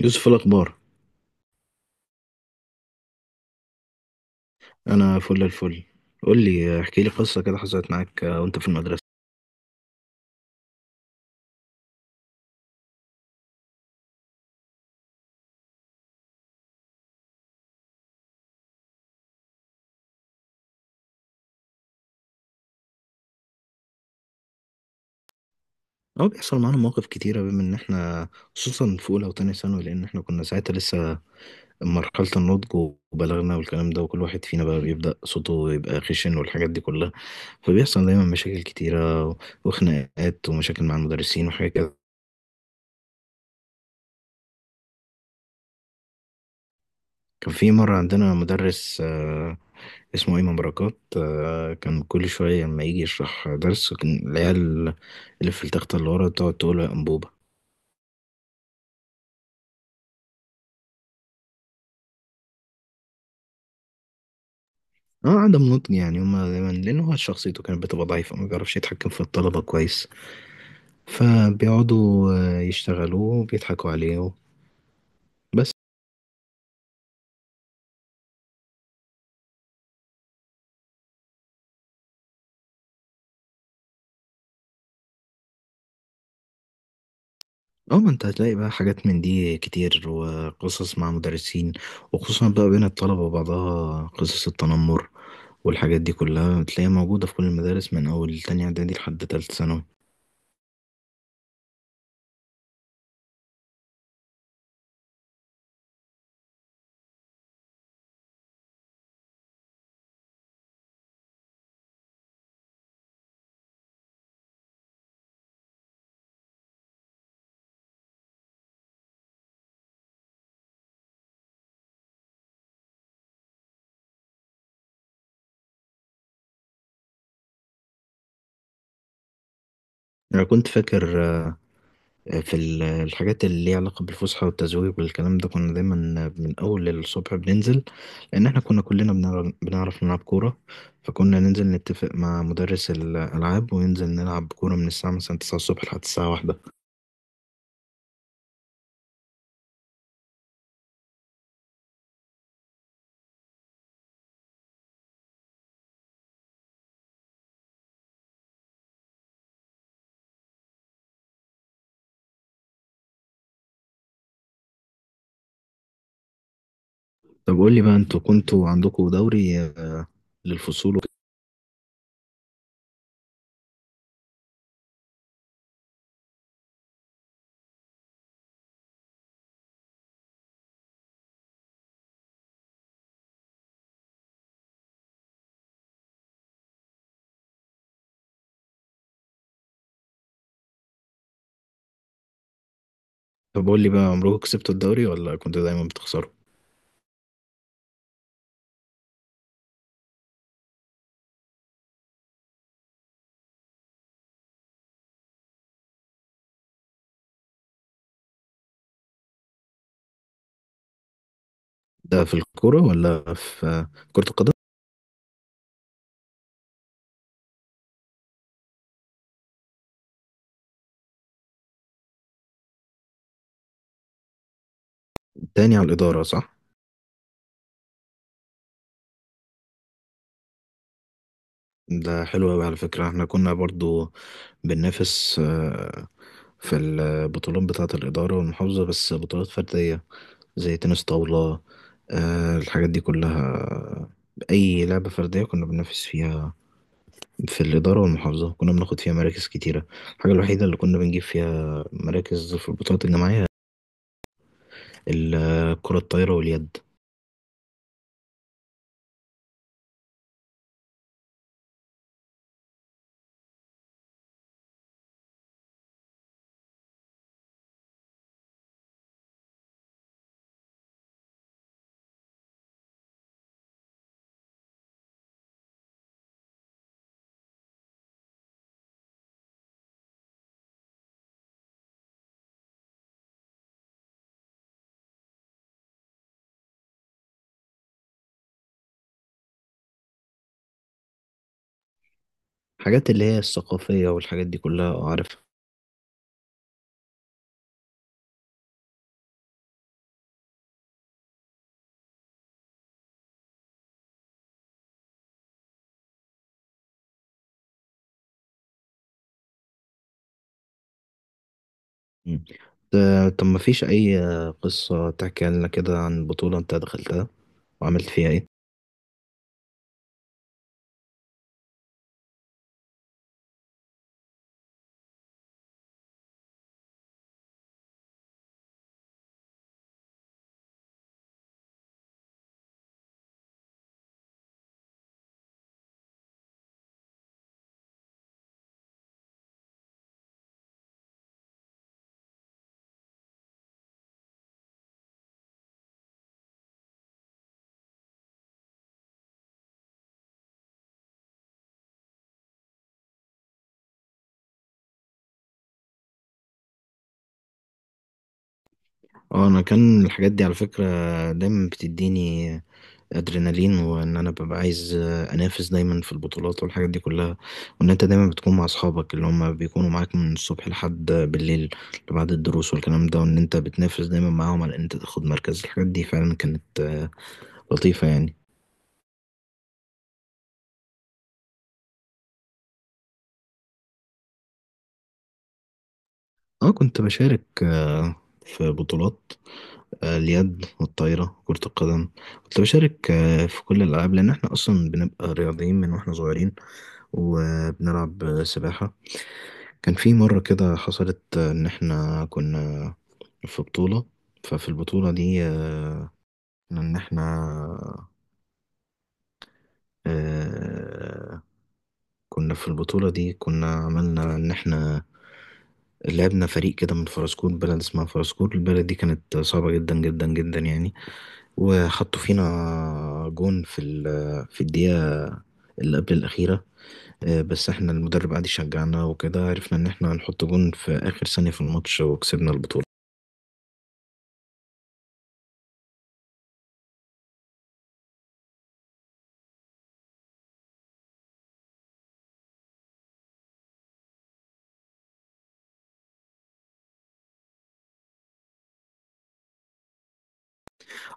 يوسف، الأخبار؟ أنا فل الفل. قول لي، احكي لي قصة كده حصلت معاك وأنت في المدرسة. أو بيحصل معانا مواقف كتيرة بما إن إحنا خصوصا في أولى وتانية ثانوي، لأن إحنا كنا ساعتها لسه مرحلة النضج وبلغنا والكلام ده، وكل واحد فينا بقى بيبدأ صوته يبقى خشن والحاجات دي كلها. فبيحصل دايما مشاكل كتيرة وخناقات ومشاكل مع المدرسين وحاجات كده. كان في مرة عندنا مدرس اسمه إمام بركات. كان كل شوية لما يجي يشرح درس كان العيال اللي في التختة اللي ورا تقعد تقول يا أنبوبة. اه، عدم نضج يعني، هما دايما، لأن هو شخصيته كانت بتبقى ضعيفة، ما بيعرفش يتحكم في الطلبة كويس، فبيقعدوا يشتغلوه وبيضحكوا عليه بس. اه، ما انت هتلاقي بقى حاجات من دي كتير وقصص مع مدرسين، وخصوصا بقى بين الطلبة وبعضها قصص التنمر والحاجات دي كلها، تلاقيها موجودة في كل المدارس من أول تانية إعدادي لحد تالتة ثانوي. أنا كنت فاكر في الحاجات اللي ليها علاقة بالفسحة والتزويق والكلام ده، كنا دايما من أول الصبح بننزل، لأن إحنا كنا كلنا بنعرف نلعب كورة. فكنا ننزل نتفق مع مدرس الألعاب وننزل نلعب كورة من الساعة مثلا 9 الصبح لحد الساعة 1. طب قول لي بقى، أنتوا كنتوا عندكوا دوري للفصول وكده؟ طب قول لي بقى، عمركم كسبتوا الدوري ولا كنتوا دايما بتخسروا؟ ده في الكورة ولا في كرة القدم؟ تاني على الإدارة، صح؟ ده حلو أوي على فكرة، احنا كنا برضو بننافس في البطولات بتاعة الإدارة والمحافظة، بس بطولات فردية زي تنس طاولة. الحاجات دي كلها، أي لعبة فردية كنا بننافس فيها في الإدارة والمحافظة، كنا بناخد فيها مراكز كتيرة. الحاجة الوحيدة اللي كنا بنجيب فيها مراكز في البطولات الجماعية، الكرة الطايرة واليد. الحاجات اللي هي الثقافية والحاجات دي كلها، عارفها. مم. طب، ما فيش أي قصة تحكي لنا كده عن بطولة أنت دخلتها وعملت فيها إيه؟ اه انا، كان الحاجات دي على فكرة دايما بتديني ادرينالين، وان انا ببقى عايز انافس دايما في البطولات والحاجات دي كلها، وان انت دايما بتكون مع اصحابك اللي هم بيكونوا معاك من الصبح لحد بالليل بعد الدروس والكلام ده، وان انت بتنافس دايما معاهم على ان انت تاخد مركز. الحاجات دي فعلا كانت لطيفة يعني. اه كنت بشارك في بطولات، اليد والطايرة، كرة القدم. كنت بشارك في كل الألعاب، لأن احنا أصلا بنبقى رياضيين من واحنا صغيرين، وبنلعب سباحة. كان في مرة كده حصلت إن احنا كنا في بطولة. ففي البطولة دي إن احنا آه، كنا في البطولة دي، كنا عملنا إن احنا لعبنا فريق كده من فرسكور. بلد اسمها فرسكور، البلد دي كانت صعبة جدا جدا جدا يعني، وحطوا فينا جون في في الدقيقة اللي قبل الأخيرة. بس احنا المدرب قعد يشجعنا وكده، عرفنا ان احنا هنحط جون في آخر ثانية في الماتش وكسبنا البطولة.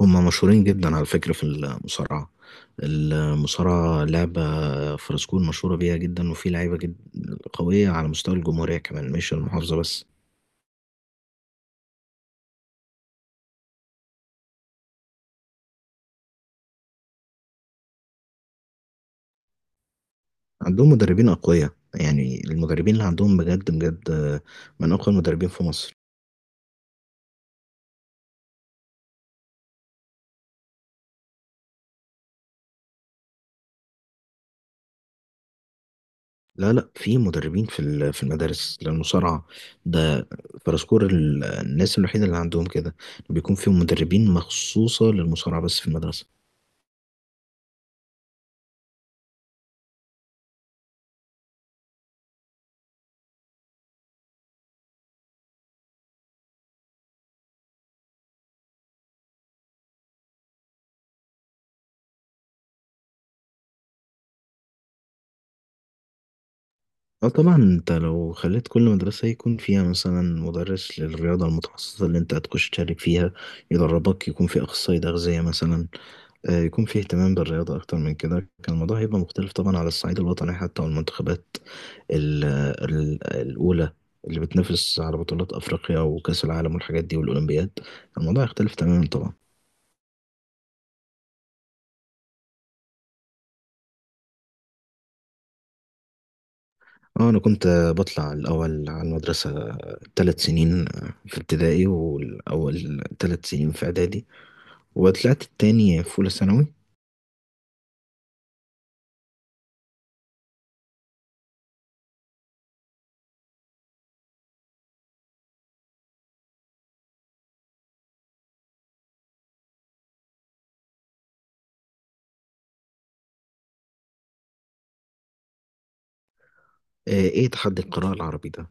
هما مشهورين جدا على فكرة في المصارعة، المصارعة لعبة فرنسكون مشهورة بيها جدا، وفي لعيبة جد قوية على مستوى الجمهورية كمان، مش المحافظة بس. عندهم مدربين أقوياء، يعني المدربين اللي عندهم بجد بجد من أقوى المدربين في مصر. لا لا، في مدربين في في المدارس للمصارعة. ده فرسكور الناس الوحيدة اللي عندهم كده بيكون فيهم مدربين مخصوصة للمصارعة بس في المدرسة. اه طبعا، انت لو خليت كل مدرسة يكون فيها مثلا مدرس للرياضة المتخصصة اللي انت هتخش تشارك فيها يدربك، يكون في أخصائي تغذية مثلا، يكون فيه اهتمام بالرياضة أكتر من كده، كان الموضوع هيبقى مختلف طبعا على الصعيد الوطني حتى، والمنتخبات ال- الأولى اللي بتنافس على بطولات أفريقيا وكأس العالم والحاجات دي والأولمبياد، الموضوع يختلف تماما طبعا. اه انا كنت بطلع الاول على المدرسه 3 سنين في ابتدائي، والاول 3 سنين في اعدادي، وطلعت التاني في اولى ثانوي. ايه تحدي القراءه العربي ده؟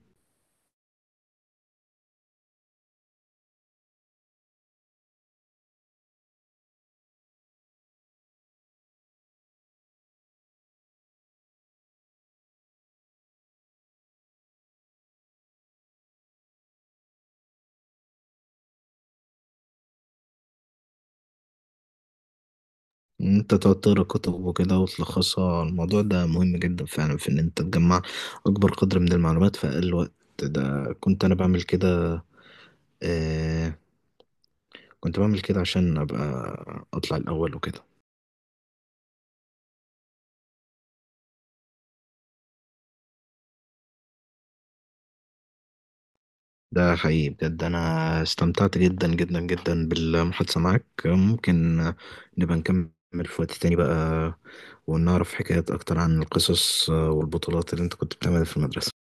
إن انت تقعد تقرا كتب وكده وتلخصها، الموضوع ده مهم جدا فعلا في ان انت تجمع اكبر قدر من المعلومات في اقل وقت. ده كنت انا بعمل كده، آه كنت بعمل كده عشان ابقى اطلع الاول وكده. ده حقيقي، بجد انا استمتعت جدا جدا جدا بالمحادثة معاك. ممكن نبقى نكمل في وقت تاني بقى، ونعرف حكايات اكتر عن القصص والبطولات اللي انت كنت بتعملها في المدرسة.